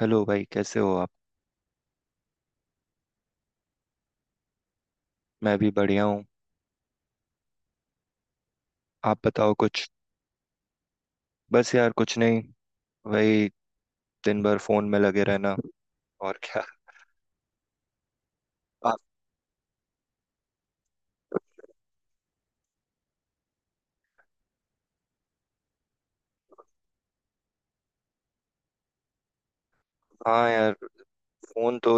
Hello भाई, कैसे हो आप। मैं भी बढ़िया हूँ। आप बताओ कुछ। बस यार, कुछ नहीं। वही, दिन भर फोन में लगे रहना, और क्या। आप। हाँ यार, फोन तो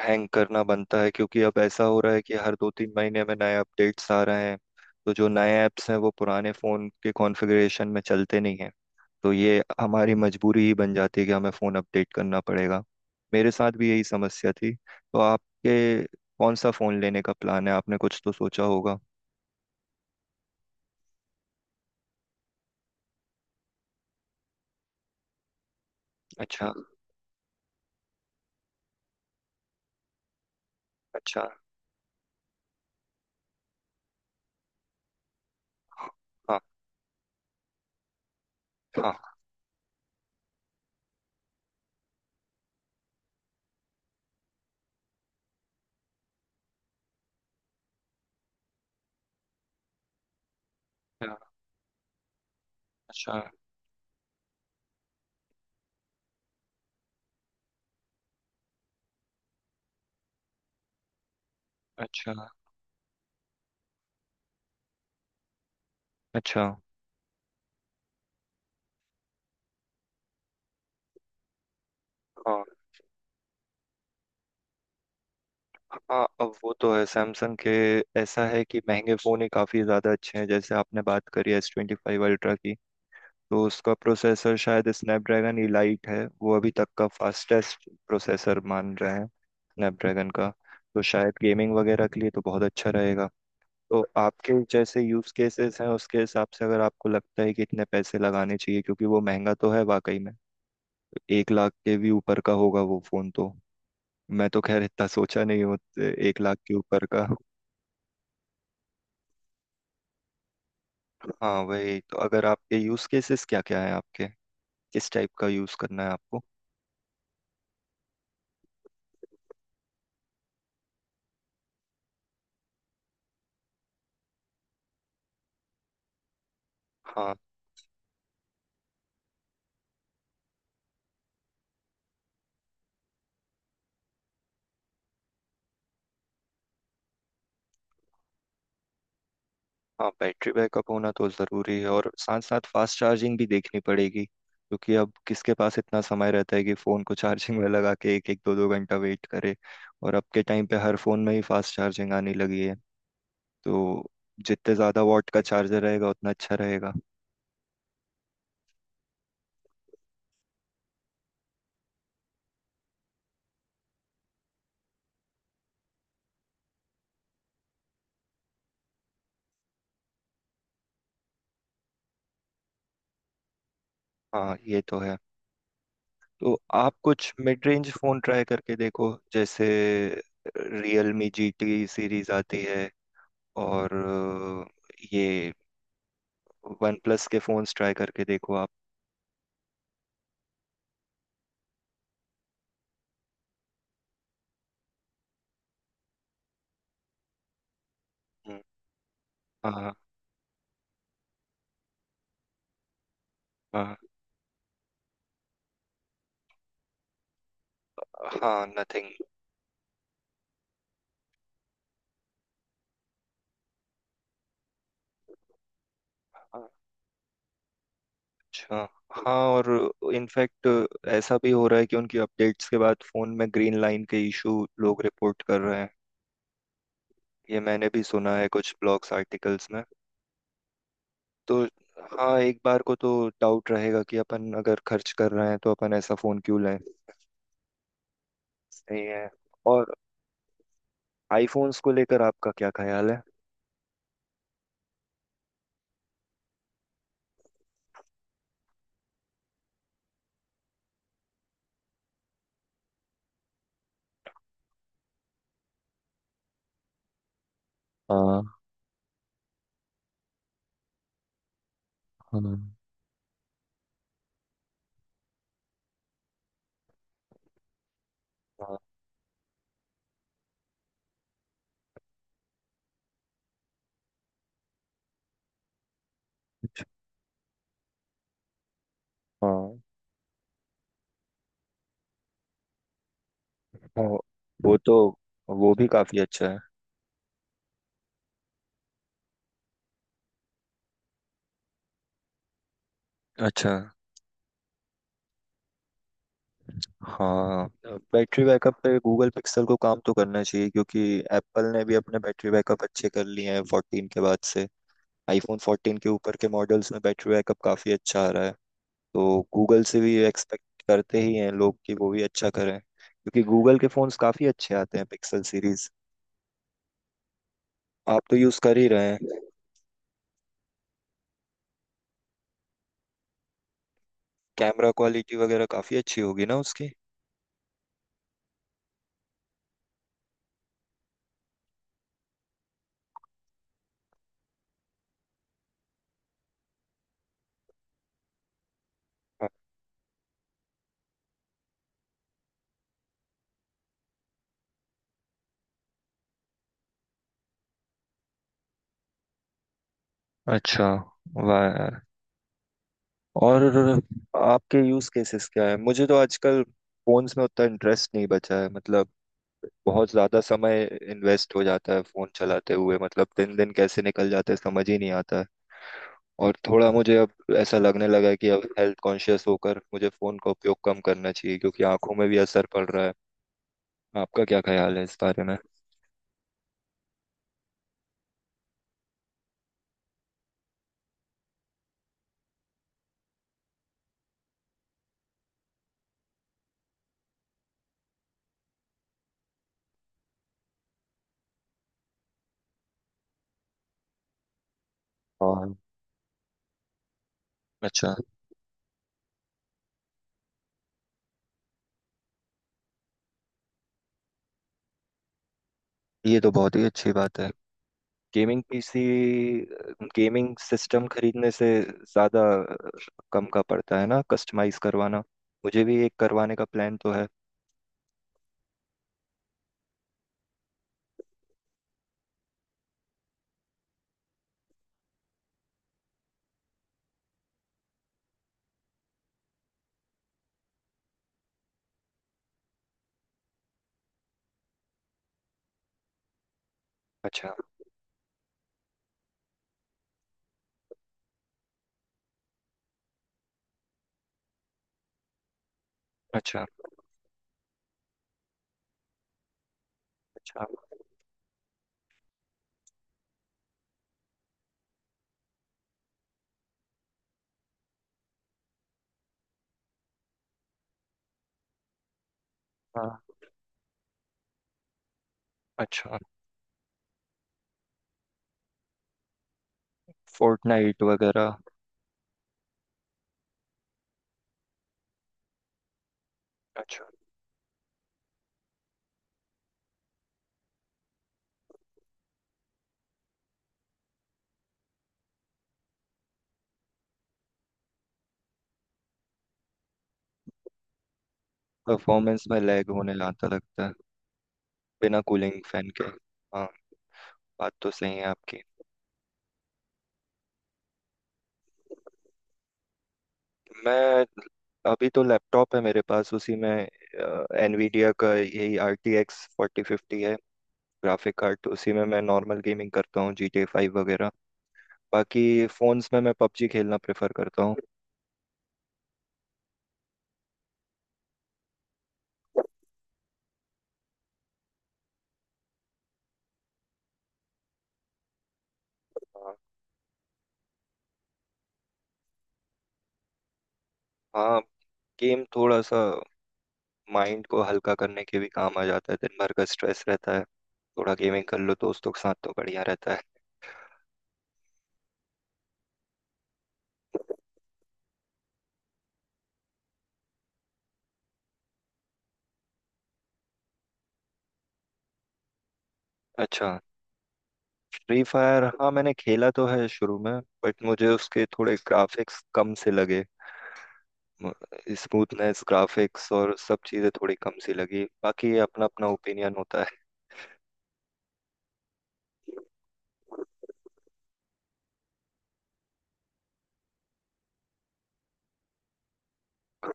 हैंग करना बनता है, क्योंकि अब ऐसा हो रहा है कि हर दो तीन महीने में नए अपडेट्स आ रहे हैं। तो जो नए ऐप्स हैं वो पुराने फोन के कॉन्फ़िगरेशन में चलते नहीं हैं। तो ये हमारी मजबूरी ही बन जाती है कि हमें फोन अपडेट करना पड़ेगा। मेरे साथ भी यही समस्या थी। तो आपके, कौन सा फोन लेने का प्लान है, आपने कुछ तो सोचा होगा। अच्छा। अच्छा। हाँ। हाँ। हाँ, अच्छा। अच्छा। अच्छा। हाँ। हाँ, अब वो तो है सैमसंग के। ऐसा है कि महंगे फ़ोन ही काफ़ी ज़्यादा अच्छे हैं। जैसे आपने बात करी एस 25 अल्ट्रा की, तो उसका प्रोसेसर शायद स्नैपड्रैगन इलाइट है। वो अभी तक का फास्टेस्ट प्रोसेसर मान रहे हैं स्नैपड्रैगन का। तो शायद गेमिंग वगैरह के लिए तो बहुत अच्छा रहेगा। तो आपके जैसे यूज़ केसेस हैं, उसके हिसाब से अगर आपको लगता है कि इतने पैसे लगाने चाहिए, क्योंकि वो महंगा तो है वाकई में। 1 लाख के भी ऊपर का होगा वो फोन तो। मैं तो खैर इतना सोचा नहीं हूँ। 1 लाख के ऊपर का। हाँ, वही तो, अगर आपके यूज केसेस क्या क्या है आपके, किस टाइप का यूज करना है आपको। हाँ। हाँ, बैटरी बैकअप होना तो जरूरी है, और साथ साथ फास्ट चार्जिंग भी देखनी पड़ेगी, क्योंकि अब किसके पास इतना समय रहता है कि फोन को चार्जिंग में लगा के एक एक दो दो घंटा वेट करे। और अब के टाइम पे हर फोन में ही फास्ट चार्जिंग आने लगी है। तो जितने ज्यादा वॉट का चार्जर रहेगा उतना अच्छा रहेगा। हाँ ये तो है। तो आप कुछ मिड रेंज फोन ट्राई करके देखो, जैसे रियलमी GT सीरीज आती है, और ये वन प्लस के फोन्स ट्राई करके देखो आप। हम्म, हाँ। हाँ। हाँ, नथिंग। अच्छा। हाँ और, इनफैक्ट, ऐसा भी हो रहा है कि उनकी अपडेट्स के बाद फोन में ग्रीन लाइन के इशू लोग रिपोर्ट कर रहे हैं। ये मैंने भी सुना है कुछ ब्लॉग्स आर्टिकल्स में। तो हाँ, एक बार को तो डाउट रहेगा कि अपन अगर खर्च कर रहे हैं, तो अपन ऐसा फोन क्यों लें। सही है। और आईफोन्स को लेकर आपका क्या ख्याल है। हाँ। हाँ। हाँ। अच्छा, हाँ। वो वो तो वो भी काफी अच्छा है। अच्छा। हाँ, बैटरी बैकअप पे गूगल पिक्सल को काम तो करना चाहिए, क्योंकि एप्पल ने भी अपने बैटरी बैकअप अच्छे कर लिए हैं 14 के बाद से। आईफोन 14 के ऊपर के मॉडल्स में बैटरी बैकअप काफी अच्छा आ रहा है। तो गूगल से भी एक्सपेक्ट करते ही हैं लोग कि वो भी अच्छा करें, क्योंकि गूगल के फोन्स काफ़ी अच्छे आते हैं पिक्सल सीरीज। आप तो यूज़ कर ही रहे हैं। कैमरा क्वालिटी वगैरह काफ़ी अच्छी होगी ना उसकी। अच्छा। वाह यार। और आपके यूज़ केसेस क्या है। मुझे तो आजकल फोन्स में उतना इंटरेस्ट नहीं बचा है, मतलब बहुत ज्यादा समय इन्वेस्ट हो जाता है फोन चलाते हुए, मतलब दिन दिन कैसे निकल जाता है समझ ही नहीं आता है। और थोड़ा मुझे अब ऐसा लगने लगा है कि अब हेल्थ कॉन्शियस होकर मुझे फोन का उपयोग कम करना चाहिए, क्योंकि आंखों में भी असर पड़ रहा है। आपका क्या ख्याल है इस बारे में। और, अच्छा, ये तो बहुत ही अच्छी बात है। गेमिंग पीसी, गेमिंग सिस्टम खरीदने से ज्यादा कम का पड़ता है ना कस्टमाइज करवाना। मुझे भी एक करवाने का प्लान तो है। अच्छा। अच्छा। अच्छा। अच्छा। फोर्टनाइट वगैरह। अच्छा। परफॉर्मेंस में लैग होने आता लगता है बिना कूलिंग फैन के। हाँ, बात तो सही है आपकी। मैं, अभी तो लैपटॉप है मेरे पास, उसी में एनवीडिया का यही RTX 4050 है ग्राफिक कार्ड। उसी में मैं नॉर्मल गेमिंग करता हूँ, GTA 5 वगैरह। बाकी फोन्स में मैं पबजी खेलना प्रेफर करता हूँ। हाँ। हाँ, गेम थोड़ा सा माइंड को हल्का करने के भी काम आ जाता है। दिन भर का स्ट्रेस रहता है, थोड़ा गेमिंग कर लो दोस्तों के साथ, तो बढ़िया रहता है। अच्छा। फ्री फायर हाँ, मैंने खेला तो है शुरू में, बट मुझे उसके थोड़े ग्राफिक्स कम से लगे। स्मूथनेस, ग्राफिक्स और सब चीज़ें थोड़ी कम सी लगी। बाकी अपना अपना ओपिनियन होता है।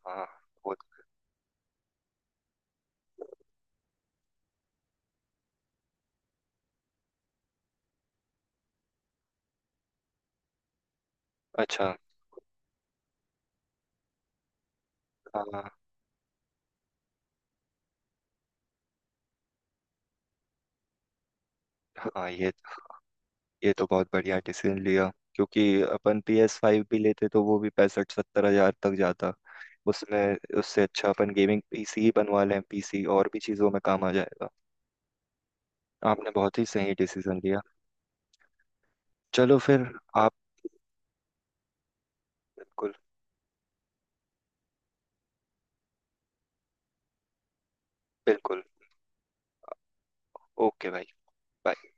हाँ। वो। अच्छा, हाँ। हाँ, ये तो बहुत बढ़िया डिसीजन लिया, क्योंकि अपन PS5 भी लेते तो वो भी 65-70 हजार तक जाता। उसमें, उससे अच्छा अपन गेमिंग पीसी ही बनवा लें। पीसी और भी चीज़ों में काम आ जाएगा। आपने बहुत ही सही डिसीजन लिया। चलो फिर। आप, बिल्कुल। बिल्कुल। ओके भाई, bye।